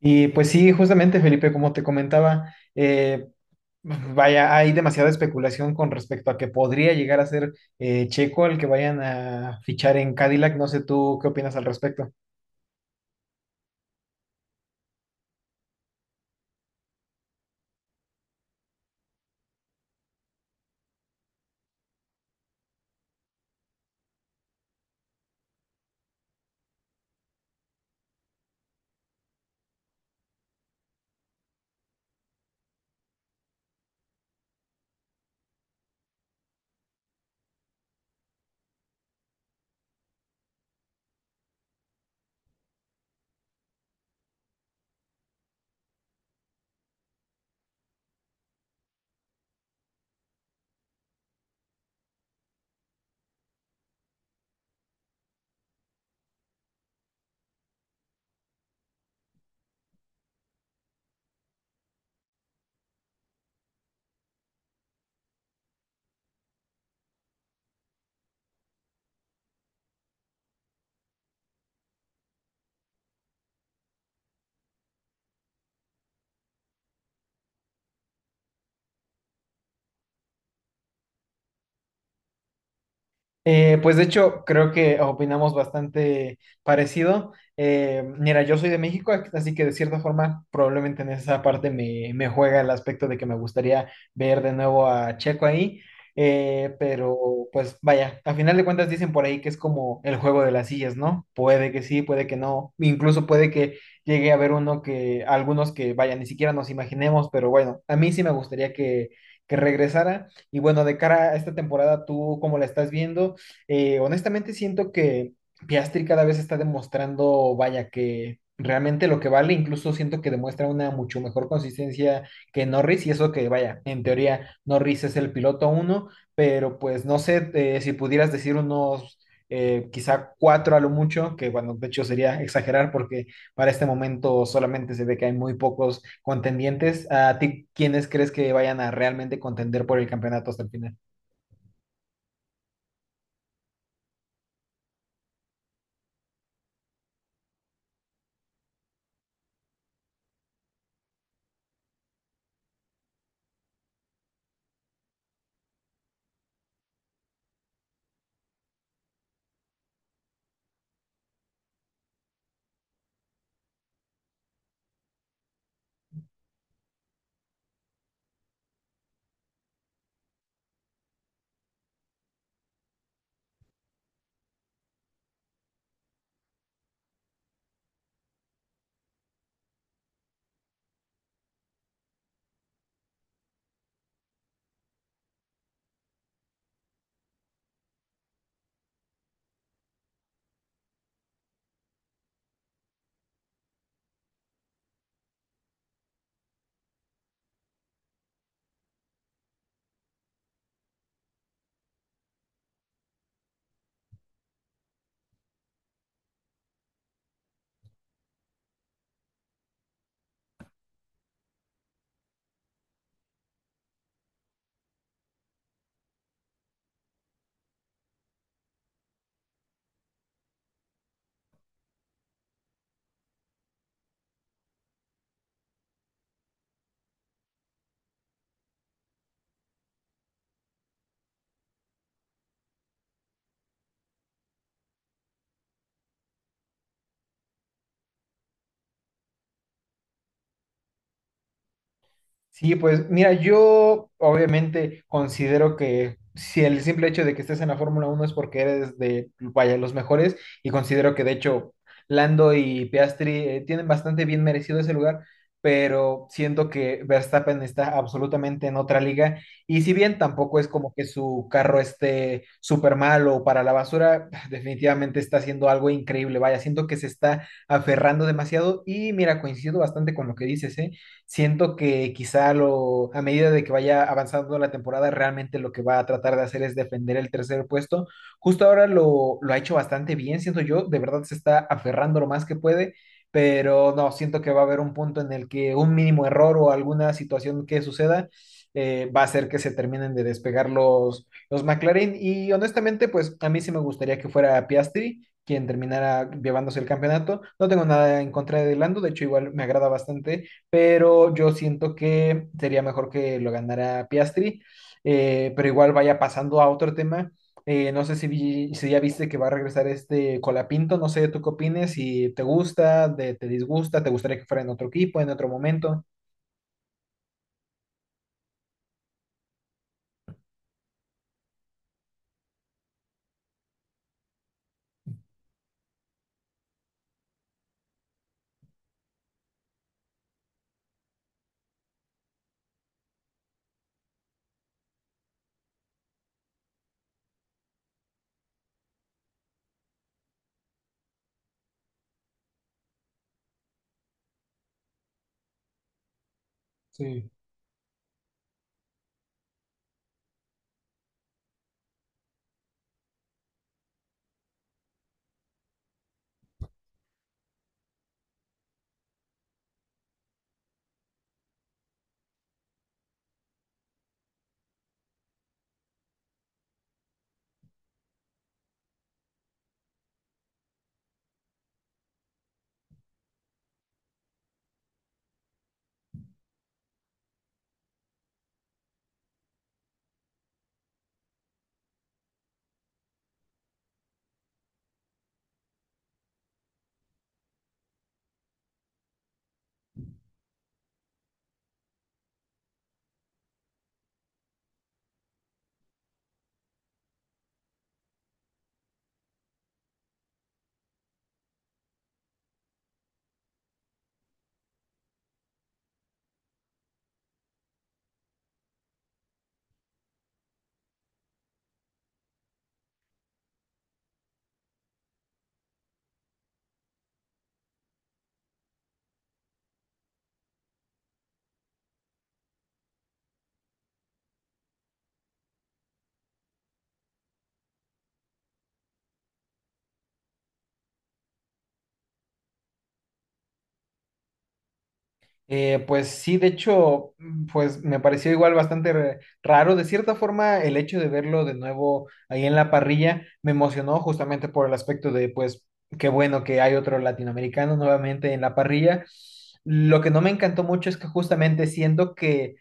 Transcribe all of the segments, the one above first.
Y pues sí, justamente Felipe, como te comentaba, vaya, hay demasiada especulación con respecto a que podría llegar a ser Checo el que vayan a fichar en Cadillac. No sé tú qué opinas al respecto. Pues de hecho, creo que opinamos bastante parecido. Mira, yo soy de México, así que de cierta forma probablemente en esa parte me juega el aspecto de que me gustaría ver de nuevo a Checo ahí. Pero pues vaya, a final de cuentas dicen por ahí que es como el juego de las sillas, ¿no? Puede que sí, puede que no. Incluso puede que llegue a haber uno que, algunos que vaya, ni siquiera nos imaginemos, pero bueno, a mí sí me gustaría que regresara. Y bueno, de cara a esta temporada, ¿tú cómo la estás viendo? Honestamente siento que Piastri cada vez está demostrando, vaya, que realmente lo que vale, incluso siento que demuestra una mucho mejor consistencia que Norris y eso que, vaya, en teoría Norris es el piloto uno, pero pues no sé si pudieras decir unos quizá cuatro a lo mucho, que bueno, de hecho sería exagerar porque para este momento solamente se ve que hay muy pocos contendientes. ¿A ti quiénes crees que vayan a realmente contender por el campeonato hasta el final? Sí, pues mira, yo obviamente considero que si el simple hecho de que estés en la Fórmula 1 es porque eres de, vaya, los mejores, y considero que de hecho Lando y Piastri tienen bastante bien merecido ese lugar, pero siento que Verstappen está absolutamente en otra liga, y si bien tampoco es como que su carro esté súper mal o para la basura, definitivamente está haciendo algo increíble, vaya, siento que se está aferrando demasiado, y mira, coincido bastante con lo que dices, ¿eh? Siento que quizá a medida de que vaya avanzando la temporada, realmente lo que va a tratar de hacer es defender el tercer puesto. Justo ahora lo ha hecho bastante bien, siento yo, de verdad se está aferrando lo más que puede, pero no, siento que va a haber un punto en el que un mínimo error o alguna situación que suceda va a hacer que se terminen de despegar los McLaren. Y honestamente, pues a mí sí me gustaría que fuera Piastri quien terminara llevándose el campeonato. No tengo nada en contra de Lando, de hecho igual me agrada bastante, pero yo siento que sería mejor que lo ganara Piastri, pero igual vaya pasando a otro tema. No sé si, si ya viste que va a regresar este Colapinto, no sé, ¿tú qué opines? Si te gusta, te disgusta, te gustaría que fuera en otro equipo, en otro momento. Sí. Pues sí, de hecho, pues me pareció igual bastante raro. De cierta forma, el hecho de verlo de nuevo ahí en la parrilla me emocionó justamente por el aspecto de, pues, qué bueno que hay otro latinoamericano nuevamente en la parrilla. Lo que no me encantó mucho es que justamente siento que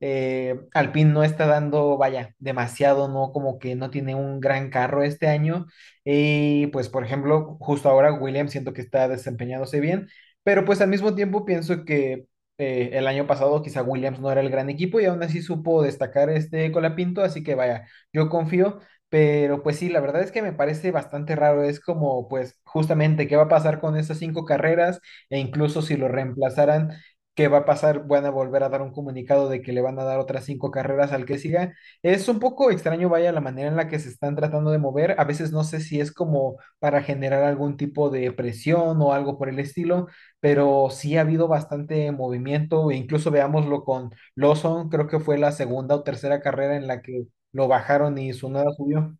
Alpine no está dando, vaya, demasiado, ¿no? Como que no tiene un gran carro este año. Y pues, por ejemplo, justo ahora Williams siento que está desempeñándose bien. Pero pues al mismo tiempo pienso que el año pasado quizá Williams no era el gran equipo y aún así supo destacar este Colapinto, así que vaya, yo confío, pero pues sí, la verdad es que me parece bastante raro, es como pues justamente qué va a pasar con esas cinco carreras e incluso si lo reemplazaran, qué va a pasar, van a volver a dar un comunicado de que le van a dar otras cinco carreras al que siga. Es un poco extraño, vaya, la manera en la que se están tratando de mover, a veces no sé si es como para generar algún tipo de presión o algo por el estilo, pero sí ha habido bastante movimiento, e incluso veámoslo con Lawson, creo que fue la segunda o tercera carrera en la que lo bajaron y su nada subió.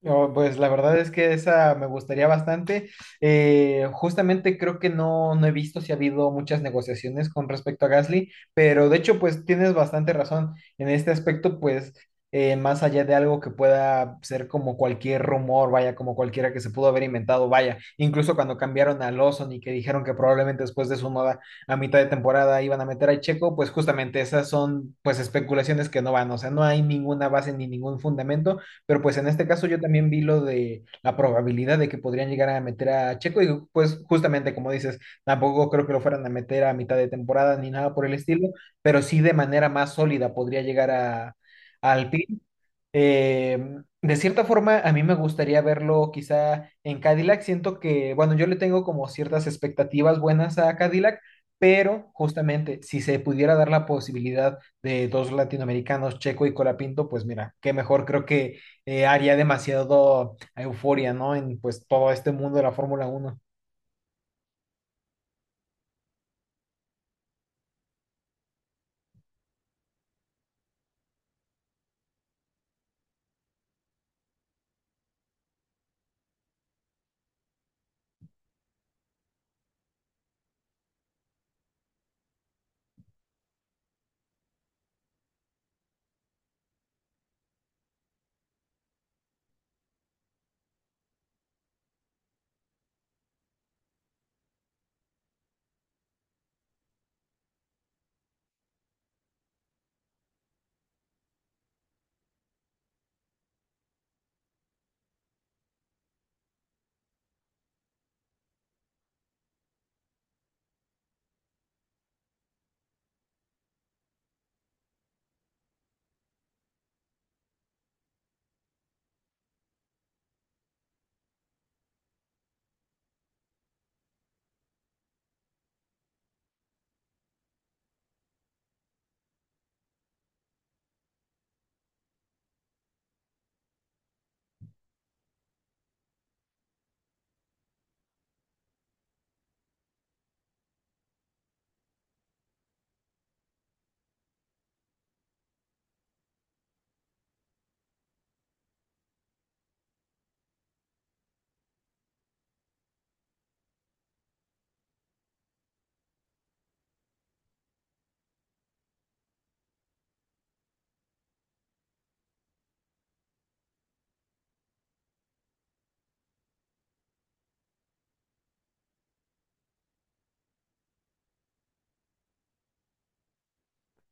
No, pues la verdad es que esa me gustaría bastante. Justamente creo que no, no he visto si ha habido muchas negociaciones con respecto a Gasly, pero de hecho pues tienes bastante razón en este aspecto, pues más allá de algo que pueda ser como cualquier rumor, vaya, como cualquiera que se pudo haber inventado, vaya, incluso cuando cambiaron a Lawson y que dijeron que probablemente después de su noda a mitad de temporada iban a meter a Checo, pues justamente esas son pues especulaciones que no van, o sea, no hay ninguna base ni ningún fundamento. Pero pues en este caso yo también vi lo de la probabilidad de que podrían llegar a meter a Checo y pues justamente como dices, tampoco creo que lo fueran a meter a mitad de temporada ni nada por el estilo, pero sí de manera más sólida podría llegar a, al P. eh, de cierta forma, a mí me gustaría verlo quizá en Cadillac. Siento que, bueno, yo le tengo como ciertas expectativas buenas a Cadillac, pero justamente si se pudiera dar la posibilidad de dos latinoamericanos, Checo y Colapinto, pues mira, qué mejor. Creo que haría demasiado euforia, ¿no? En pues todo este mundo de la Fórmula 1.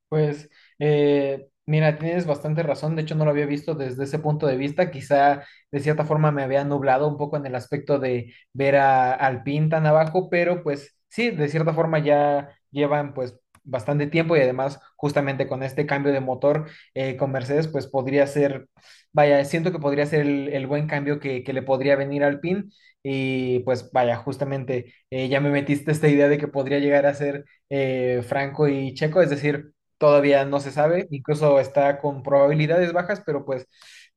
Pues mira, tienes bastante razón, de hecho no lo había visto desde ese punto de vista, quizá de cierta forma me había nublado un poco en el aspecto de ver al PIN tan abajo, pero pues sí, de cierta forma ya llevan pues bastante tiempo y además justamente con este cambio de motor con Mercedes pues podría ser, vaya, siento que podría ser el buen cambio que le podría venir al PIN. Y pues vaya, justamente ya me metiste esta idea de que podría llegar a ser Franco y Checo, es decir, todavía no se sabe, incluso está con probabilidades bajas, pero pues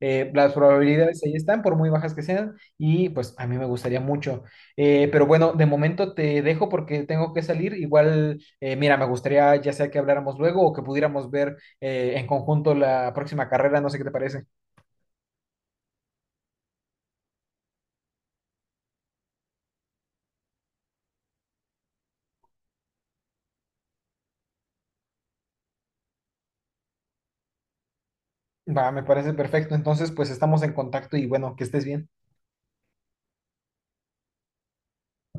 las probabilidades ahí están, por muy bajas que sean, y pues a mí me gustaría mucho. Pero bueno, de momento te dejo porque tengo que salir. Igual, mira, me gustaría ya sea que habláramos luego o que pudiéramos ver en conjunto la próxima carrera, no sé qué te parece. Va, me parece perfecto. Entonces, pues estamos en contacto y bueno, que estés bien.